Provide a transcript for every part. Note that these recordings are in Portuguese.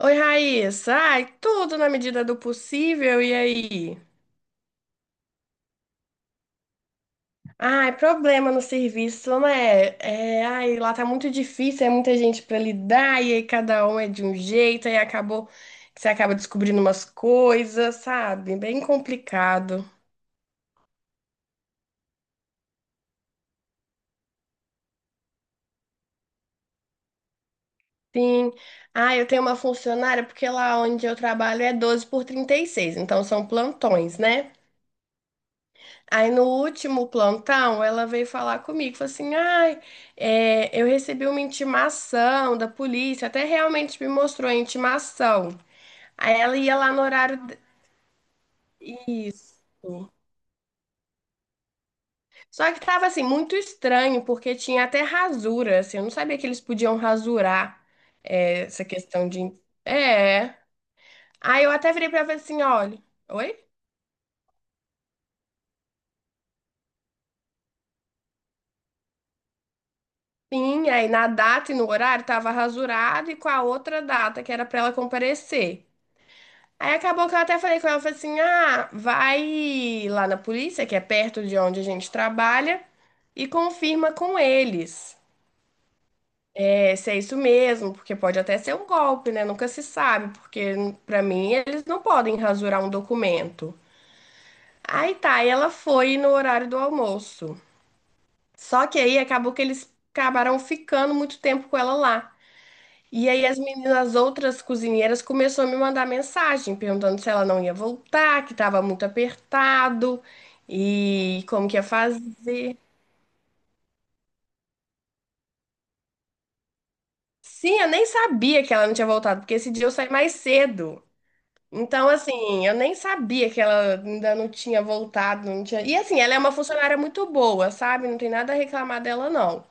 Oi, Raíssa. Ai, tudo na medida do possível, e aí? Ai, problema no serviço, né? É, ai, lá tá muito difícil, é muita gente pra lidar, e aí cada um é de um jeito, aí acabou que você acaba descobrindo umas coisas, sabe? Bem complicado. Sim. Ah, eu tenho uma funcionária, porque lá onde eu trabalho é 12x36, então são plantões, né? Aí no último plantão, ela veio falar comigo, falou assim, ai, é, eu recebi uma intimação da polícia, até realmente me mostrou a intimação. Aí ela ia lá no horário Isso. Só que tava, assim, muito estranho, porque tinha até rasura, assim, eu não sabia que eles podiam rasurar é, essa questão de... É. Aí eu até virei pra ela e falei assim, olha... Oi? Sim, aí na data e no horário tava rasurado e com a outra data que era pra ela comparecer. Aí acabou que eu até falei com ela, falei assim, ah, vai lá na polícia, que é perto de onde a gente trabalha, e confirma com eles. É, se é isso mesmo, porque pode até ser um golpe, né? Nunca se sabe, porque pra mim eles não podem rasurar um documento. Aí tá, e ela foi no horário do almoço. Só que aí acabou que eles acabaram ficando muito tempo com ela lá. E aí as meninas, as outras cozinheiras começaram a me mandar mensagem perguntando se ela não ia voltar, que estava muito apertado e como que ia fazer. Sim, eu nem sabia que ela não tinha voltado, porque esse dia eu saí mais cedo. Então, assim, eu nem sabia que ela ainda não tinha voltado, não tinha. E assim, ela é uma funcionária muito boa, sabe? Não tem nada a reclamar dela, não.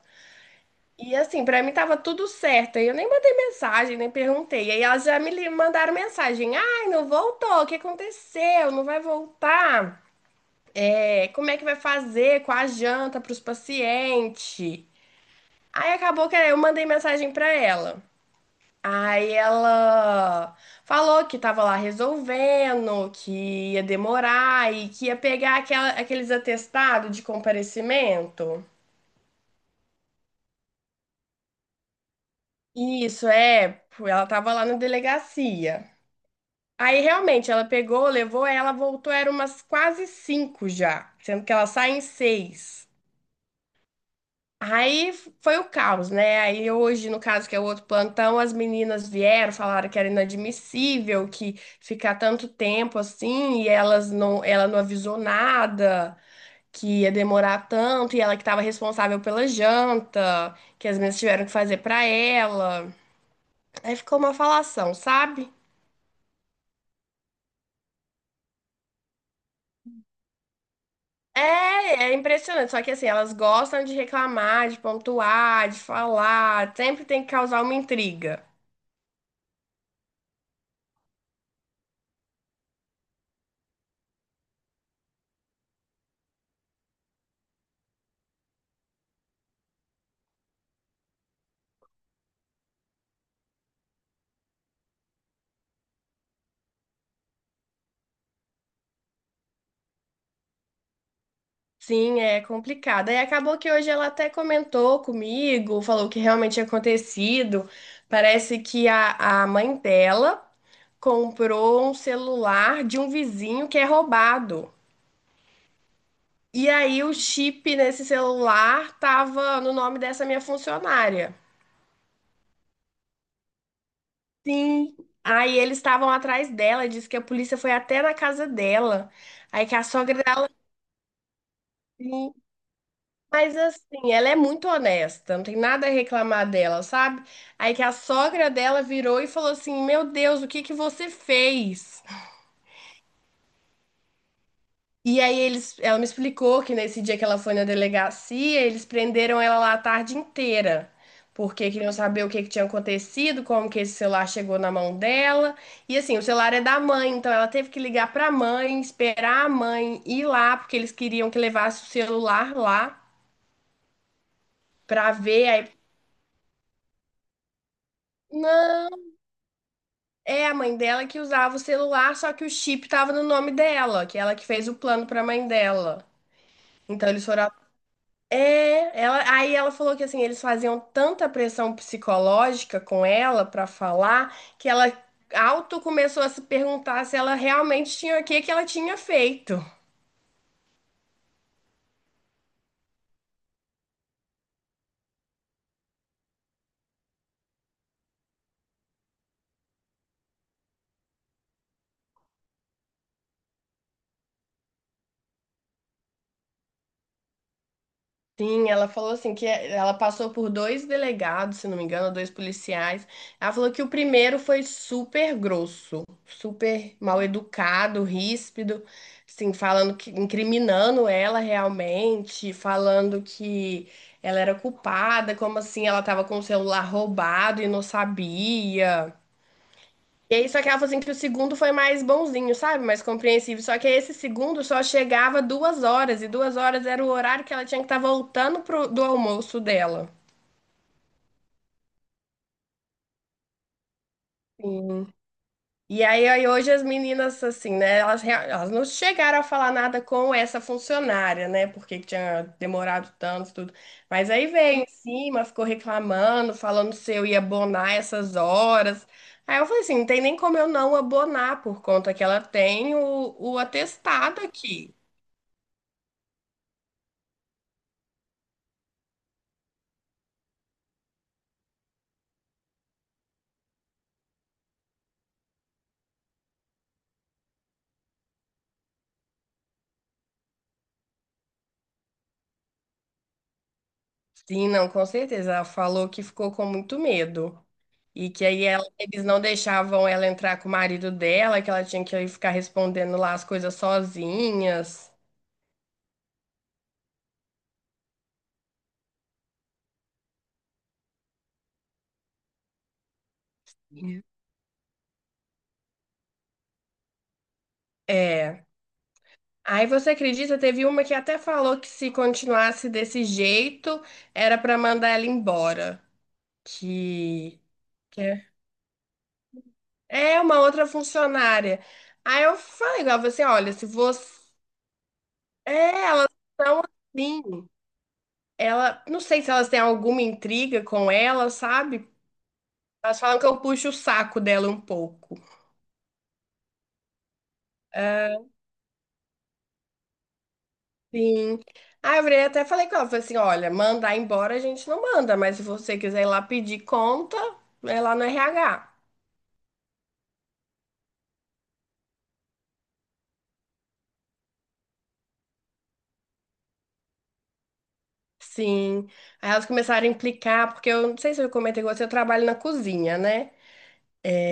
E assim, pra mim tava tudo certo. Aí eu nem mandei mensagem, nem perguntei. Aí elas já me mandaram mensagem. Ai, não voltou. O que aconteceu? Não vai voltar? É, como é que vai fazer com a janta pros pacientes? Aí acabou que eu mandei mensagem pra ela. Aí ela falou que tava lá resolvendo, que ia demorar e que ia pegar aqueles atestados de comparecimento. Isso, é, ela tava lá na delegacia. Aí realmente ela pegou, levou, ela voltou, era umas quase cinco já, sendo que ela sai em seis. Aí foi o caos, né? Aí hoje, no caso, que é o outro plantão, as meninas vieram, falaram que era inadmissível que ficar tanto tempo assim, e elas não, ela não avisou nada, que ia demorar tanto, e ela que estava responsável pela janta, que as meninas tiveram que fazer para ela. Aí ficou uma falação, sabe? É, é impressionante. Só que assim, elas gostam de reclamar, de pontuar, de falar. Sempre tem que causar uma intriga. Sim, é complicado. E acabou que hoje ela até comentou comigo, falou o que realmente tinha acontecido. Parece que a mãe dela comprou um celular de um vizinho que é roubado. E aí o chip nesse celular tava no nome dessa minha funcionária. Sim. Aí eles estavam atrás dela, disse que a polícia foi até na casa dela. Aí que a sogra dela. Sim, mas assim, ela é muito honesta, não tem nada a reclamar dela, sabe? Aí que a sogra dela virou e falou assim: Meu Deus, o que que você fez? E aí eles, ela me explicou que nesse dia que ela foi na delegacia, eles prenderam ela lá a tarde inteira, porque queriam saber o que que tinha acontecido, como que esse celular chegou na mão dela. E assim, o celular é da mãe, então ela teve que ligar pra mãe, esperar a mãe ir lá, porque eles queriam que levasse o celular lá pra ver. Aí, não, é a mãe dela que usava o celular, só que o chip tava no nome dela, que ela que fez o plano pra mãe dela. Então eles foram é, ela, aí ela falou que assim, eles faziam tanta pressão psicológica com ela pra falar que ela auto começou a se perguntar se ela realmente tinha o que que ela tinha feito. Sim, ela falou assim que é, ela passou por dois delegados, se não me engano, dois policiais. Ela falou que o primeiro foi super grosso, super mal educado, ríspido, assim, falando que incriminando ela realmente, falando que ela era culpada, como assim ela estava com o celular roubado e não sabia. E aí, só que ela falou assim que o segundo foi mais bonzinho, sabe? Mais compreensível. Só que esse segundo só chegava duas horas, e duas horas era o horário que ela tinha que estar voltando pro, do almoço dela. Sim. E aí, aí hoje as meninas, assim, né? Elas, elas não chegaram a falar nada com essa funcionária, né? Porque que tinha demorado tanto, tudo. Mas aí veio em cima, ficou reclamando, falando se eu ia abonar essas horas. Aí eu falei assim, não tem nem como eu não abonar por conta que ela tem o atestado aqui. Sim, não, com certeza. Ela falou que ficou com muito medo. E que aí eles não deixavam ela entrar com o marido dela, que ela tinha que ficar respondendo lá as coisas sozinhas. É. Aí você acredita, teve uma que até falou que se continuasse desse jeito, era pra mandar ela embora. Que, que é uma outra funcionária. Aí eu falei igual você, olha, se você. É, elas são assim. Ela, não sei se elas têm alguma intriga com ela, sabe? Elas falam que eu puxo o saco dela um pouco. Ah, sim. Ah, eu virei até falei com ela, falei assim, olha, mandar embora a gente não manda, mas se você quiser ir lá pedir conta, é lá no RH. Sim. Aí elas começaram a implicar, porque eu não sei se eu comentei com você, eu trabalho na cozinha, né?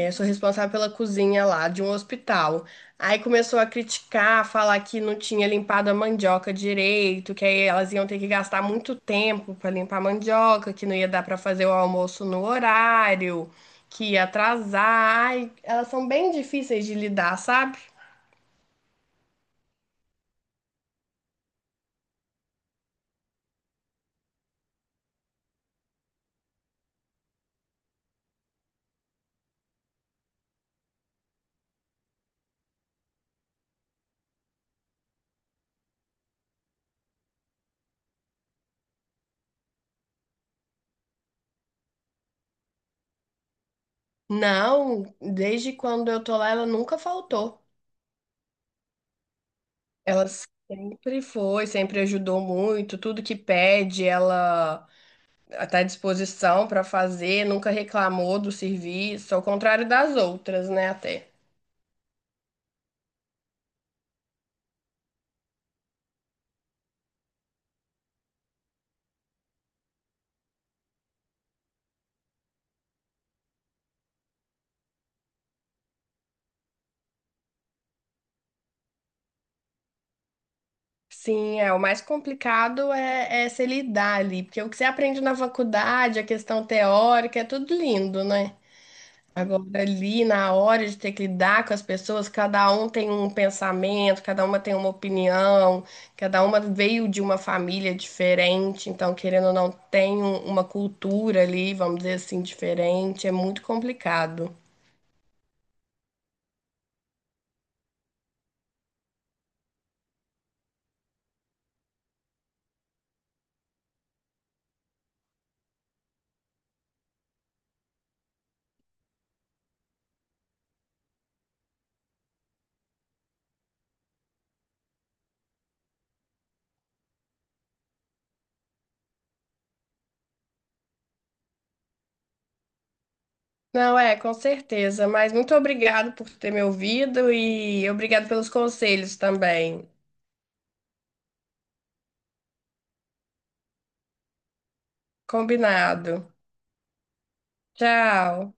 Eu sou responsável pela cozinha lá de um hospital. Aí começou a criticar, falar que não tinha limpado a mandioca direito, que aí elas iam ter que gastar muito tempo para limpar a mandioca, que não ia dar para fazer o almoço no horário, que ia atrasar. Ai, elas são bem difíceis de lidar, sabe? Não, desde quando eu tô lá, ela nunca faltou. Ela sempre foi, sempre ajudou muito, tudo que pede, ela está à disposição para fazer, nunca reclamou do serviço, ao contrário das outras, né, até. Sim, é, o mais complicado é, é se lidar ali, porque o que você aprende na faculdade, a questão teórica, é tudo lindo, né? Agora, ali, na hora de ter que lidar com as pessoas, cada um tem um pensamento, cada uma tem uma opinião, cada uma veio de uma família diferente, então, querendo ou não, tem uma cultura ali, vamos dizer assim, diferente, é muito complicado. Não, é, com certeza. Mas muito obrigado por ter me ouvido e obrigado pelos conselhos também. Combinado. Tchau.